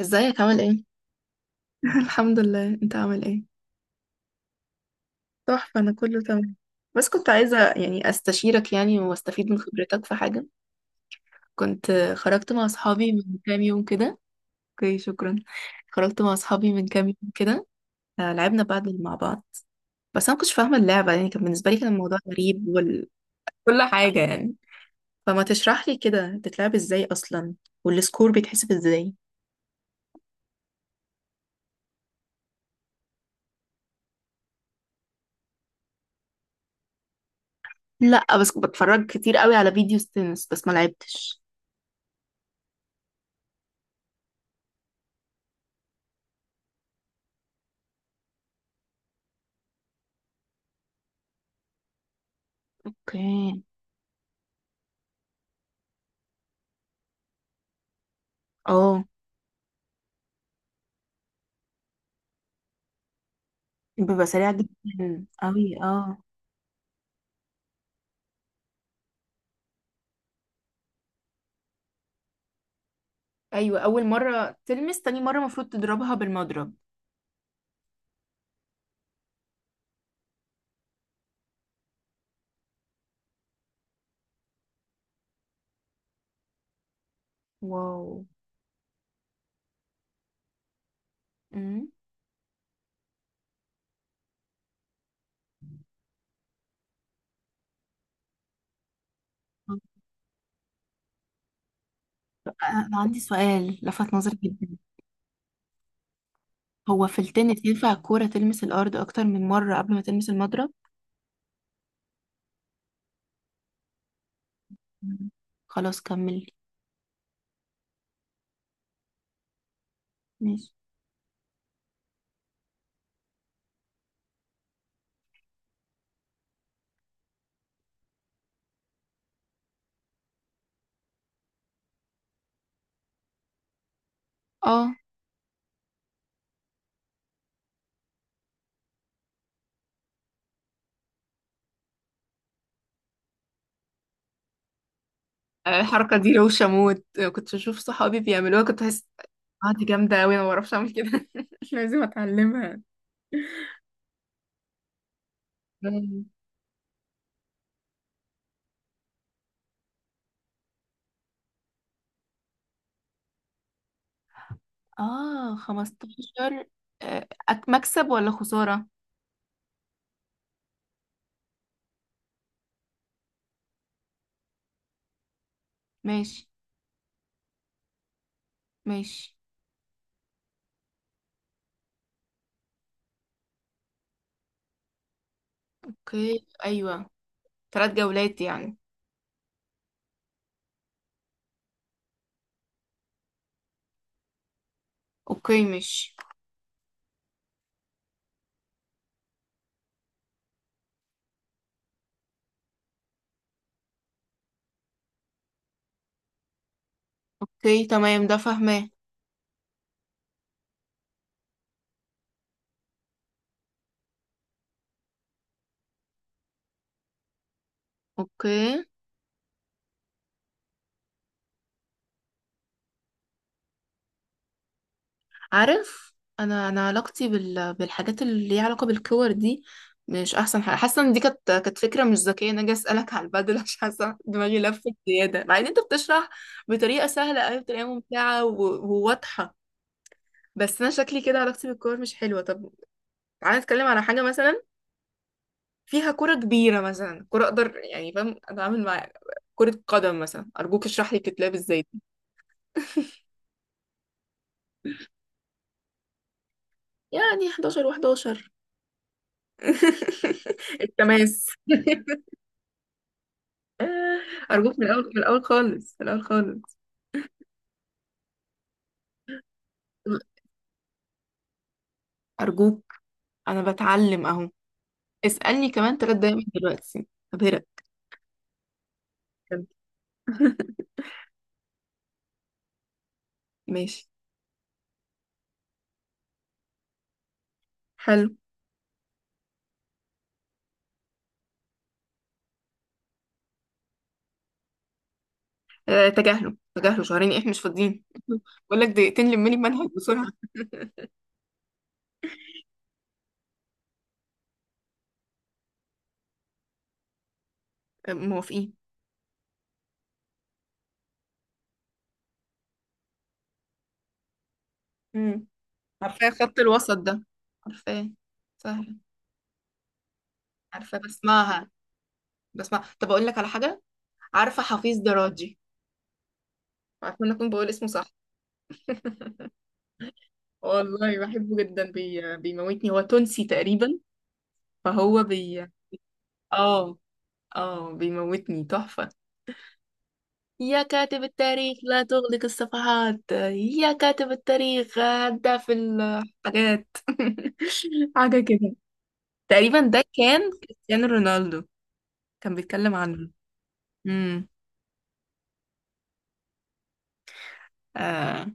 ازيك عامل ايه؟ الحمد لله، انت عامل ايه؟ تحفة، أنا كله تمام. بس كنت عايزة يعني أستشيرك يعني وأستفيد من خبرتك في حاجة. كنت خرجت مع أصحابي من كام يوم كده. اوكي، شكرا. خرجت مع أصحابي من كام يوم كده. آه، لعبنا بادل مع بعض. بس أنا مكنتش فاهمة اللعبة، يعني كان بالنسبة لي كان الموضوع غريب كل حاجة يعني. فما تشرح لي كده بتتلعب ازاي أصلا؟ والسكور بيتحسب ازاي؟ لا، بس بتفرج كتير قوي على فيديوز تنس، بس ما لعبتش. اوكي. اه، بيبقى سريع جدا قوي، اه. ايوه، اول مره تلمس، تاني مره المفروض تضربها بالمضرب. واو. امم انا عندي سؤال لفت نظري جدا. هو في التنس ينفع الكورة تلمس الارض اكتر من مرة قبل ما تلمس المضرب؟ مم. خلاص كملي. ماشي. اه. الحركه دي روشه موت، كنت بشوف صحابي بيعملوها، كنت بحس اه دي جامده قوي، انا ما بعرفش اعمل كده. لازم اتعلمها. مم. اه، 15. آه، مكسب ولا خسارة؟ ماشي. ماشي. اوكي، ايوه. ثلاث جولات يعني. اوكي ماشي. اوكي تمام، ده فاهماه. اوكي. عارف، انا انا علاقتي بالحاجات اللي ليها علاقه بالكور دي مش احسن حاجه. حاسه ان دي كانت كانت فكره مش ذكيه، ان انا جاي اسالك على البدل، عشان حاسه دماغي لفت زياده. مع ان انت بتشرح بطريقه سهله قوي، بطريقه ممتعه وواضحه. بس انا شكلي كده علاقتي بالكور مش حلوه. طب تعالى نتكلم على حاجه مثلا فيها كرة كبيرة، مثلا كرة أقدر يعني فاهم أتعامل مع كرة قدم مثلا. أرجوك اشرح لي بتتلعب ازاي دي. يعني 11 و11. التماس. أرجوك، من الأول، من الأول خالص، من الأول خالص. أرجوك، أنا بتعلم أهو. اسألني كمان تلات دقايق من دلوقتي، أبهرك. بجد. ماشي. حلو. آه، تجاهله تجاهله، شهرين إيه، إحنا مش فاضيين. بقول لك دقيقتين، لملي المنهج بسرعة. آه، موافقين. مم. عارفاه خط الوسط ده، عارفاه، سهل. عارفة، بسمعها. بسمع. طب أقول لك على حاجة، عارفة حفيظ دراجي؟ عارفة إن أنا أكون بقول اسمه صح؟ والله بحبه جدا، بيموتني. هو تونسي تقريبا، فهو بي. اه. اه، بيموتني تحفة. يا كاتب التاريخ لا تغلق الصفحات. يا كاتب التاريخ هدى في الحاجات. حاجة كده. تقريبا ده كان كريستيانو رونالدو، كان بيتكلم عنه. امم. آه.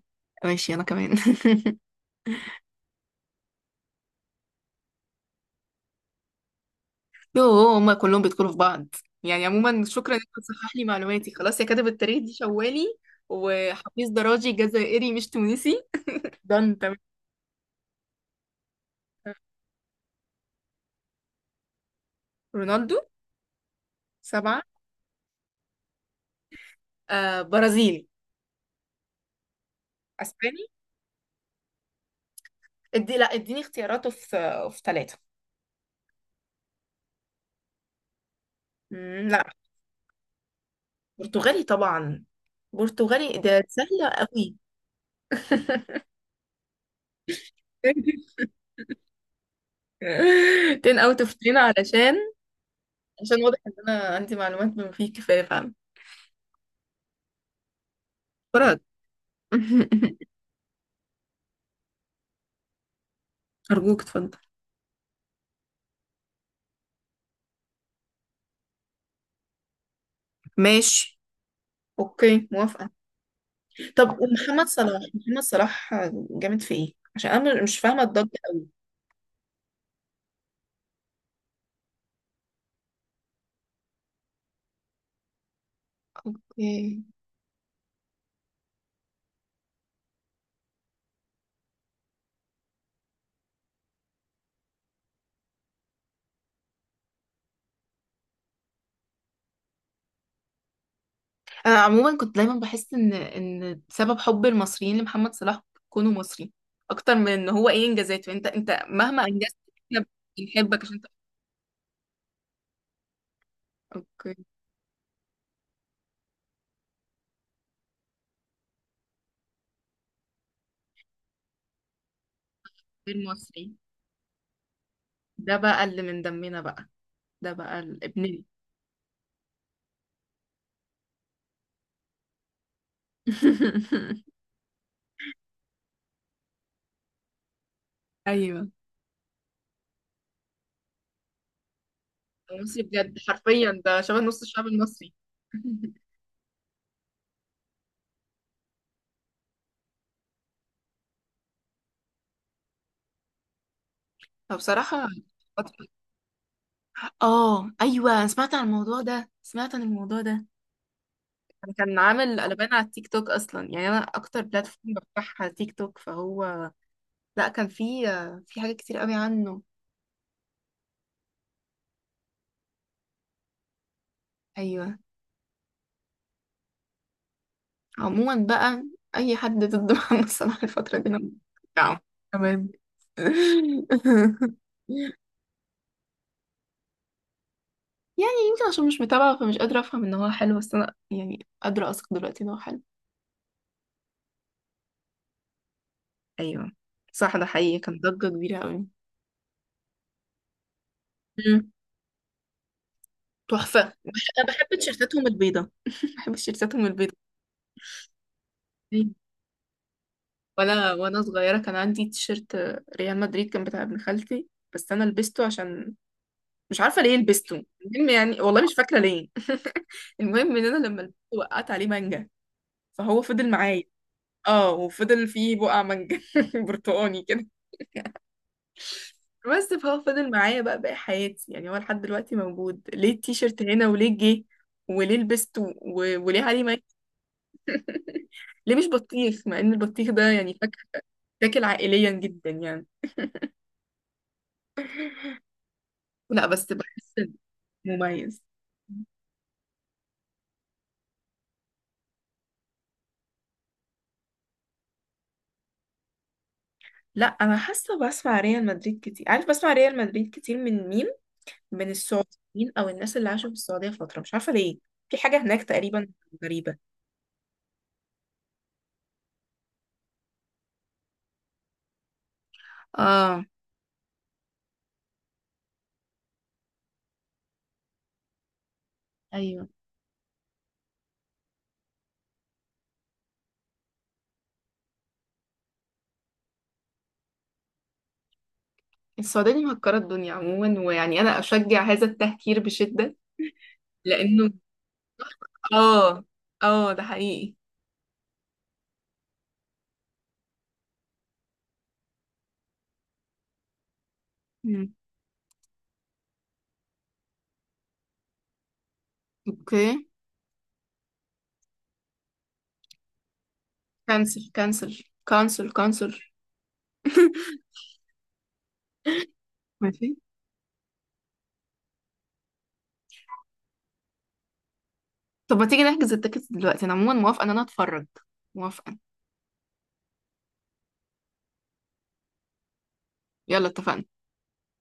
ماشي، أنا كمان. يوه، هما كلهم بيدخلوا في بعض. يعني عموما شكرا انك بتصحح لي معلوماتي. خلاص، يا كاتب التاريخ دي شوالي، وحفيظ دراجي جزائري مش تونسي. دان تمام. رونالدو. سبعة. آه، برازيلي. اسباني. ادي، لا اديني اختياراته في، في ثلاثة. لا. برتغالي طبعا، برتغالي ده سهلة قوي. 10 اوت اوف 10. علشان، عشان واضح ان انا عندي معلومات بما فيه الكفاية فعلا. فرج. ارجوك اتفضل. ماشي. اوكي، موافقة. طب ومحمد صلاح، محمد صلاح جامد في ايه؟ عشان انا مش فاهمة الضجة قوي. اوكي. انا عموما كنت دايما بحس ان ان سبب حب المصريين لمحمد صلاح كونه مصري اكتر من ان هو ايه انجازاته. انت انت مهما انجزت احنا بنحبك عشان انت. اوكي. غير مصري. ده بقى اللي من دمنا بقى، ده بقى ابننا. ايوه. مصري بجد، حرفيا ده شبه نص الشعب المصري. فبصراحة. اه ايوه، أنا سمعت عن الموضوع ده، سمعت عن الموضوع ده. أنا كان عامل قلبان على التيك توك اصلا، يعني انا اكتر بلاتفورم بفتحها تيك توك، فهو لا، كان في، في حاجات كتير قوي عنه. ايوه. عموما بقى، اي حد ضد محمد صلاح الفتره دي انا بتاعه. تمام. يعني يمكن عشان مش متابعه فمش قادره افهم ان هو حلو، بس انا يعني قادره اثق دلوقتي ان هو حلو. ايوه، صح، ده حقيقي، كان ضجه كبيره قوي. تحفة، انا بحب تيشيرتاتهم البيضة. بحب تيشيرتاتهم البيضة دي. ولا وانا صغيرة كان عندي تيشيرت ريال مدريد، كان بتاع ابن خالتي، بس انا لبسته عشان مش عارفة ليه لبسته. المهم يعني والله مش فاكرة ليه. المهم ان انا لما لبسته وقعت عليه مانجا، فهو فضل معايا. اه، وفضل فيه بقع مانجا برتقاني كده، بس فهو فضل معايا بقى باقي حياتي. يعني هو لحد دلوقتي موجود، ليه التيشيرت هنا، وليه جه، وليه لبسته، وليه عليه مانجا. ليه مش بطيخ؟ مع ان البطيخ ده يعني فاكهة تاكل عائليا جدا يعني. لا بس بحس مميز. لا انا حاسه بسمع ريال مدريد كتير. عارف بسمع ريال مدريد كتير من مين؟ من السعوديين او الناس اللي عاشوا في السعوديه فتره، مش عارفه ليه، في حاجه هناك تقريبا غريبه. اه ايوه. السعوديه دي مهكره الدنيا عموما، ويعني انا اشجع هذا التهكير بشده. لانه، اه، اه، ده حقيقي. مم. اوكي. كانسل كانسل كانسل كانسل. ماشي. طب ما تيجي نحجز التيكتس دلوقتي، انا عموما موافقه ان انا اتفرج، موافقه. يلا، اتفقنا.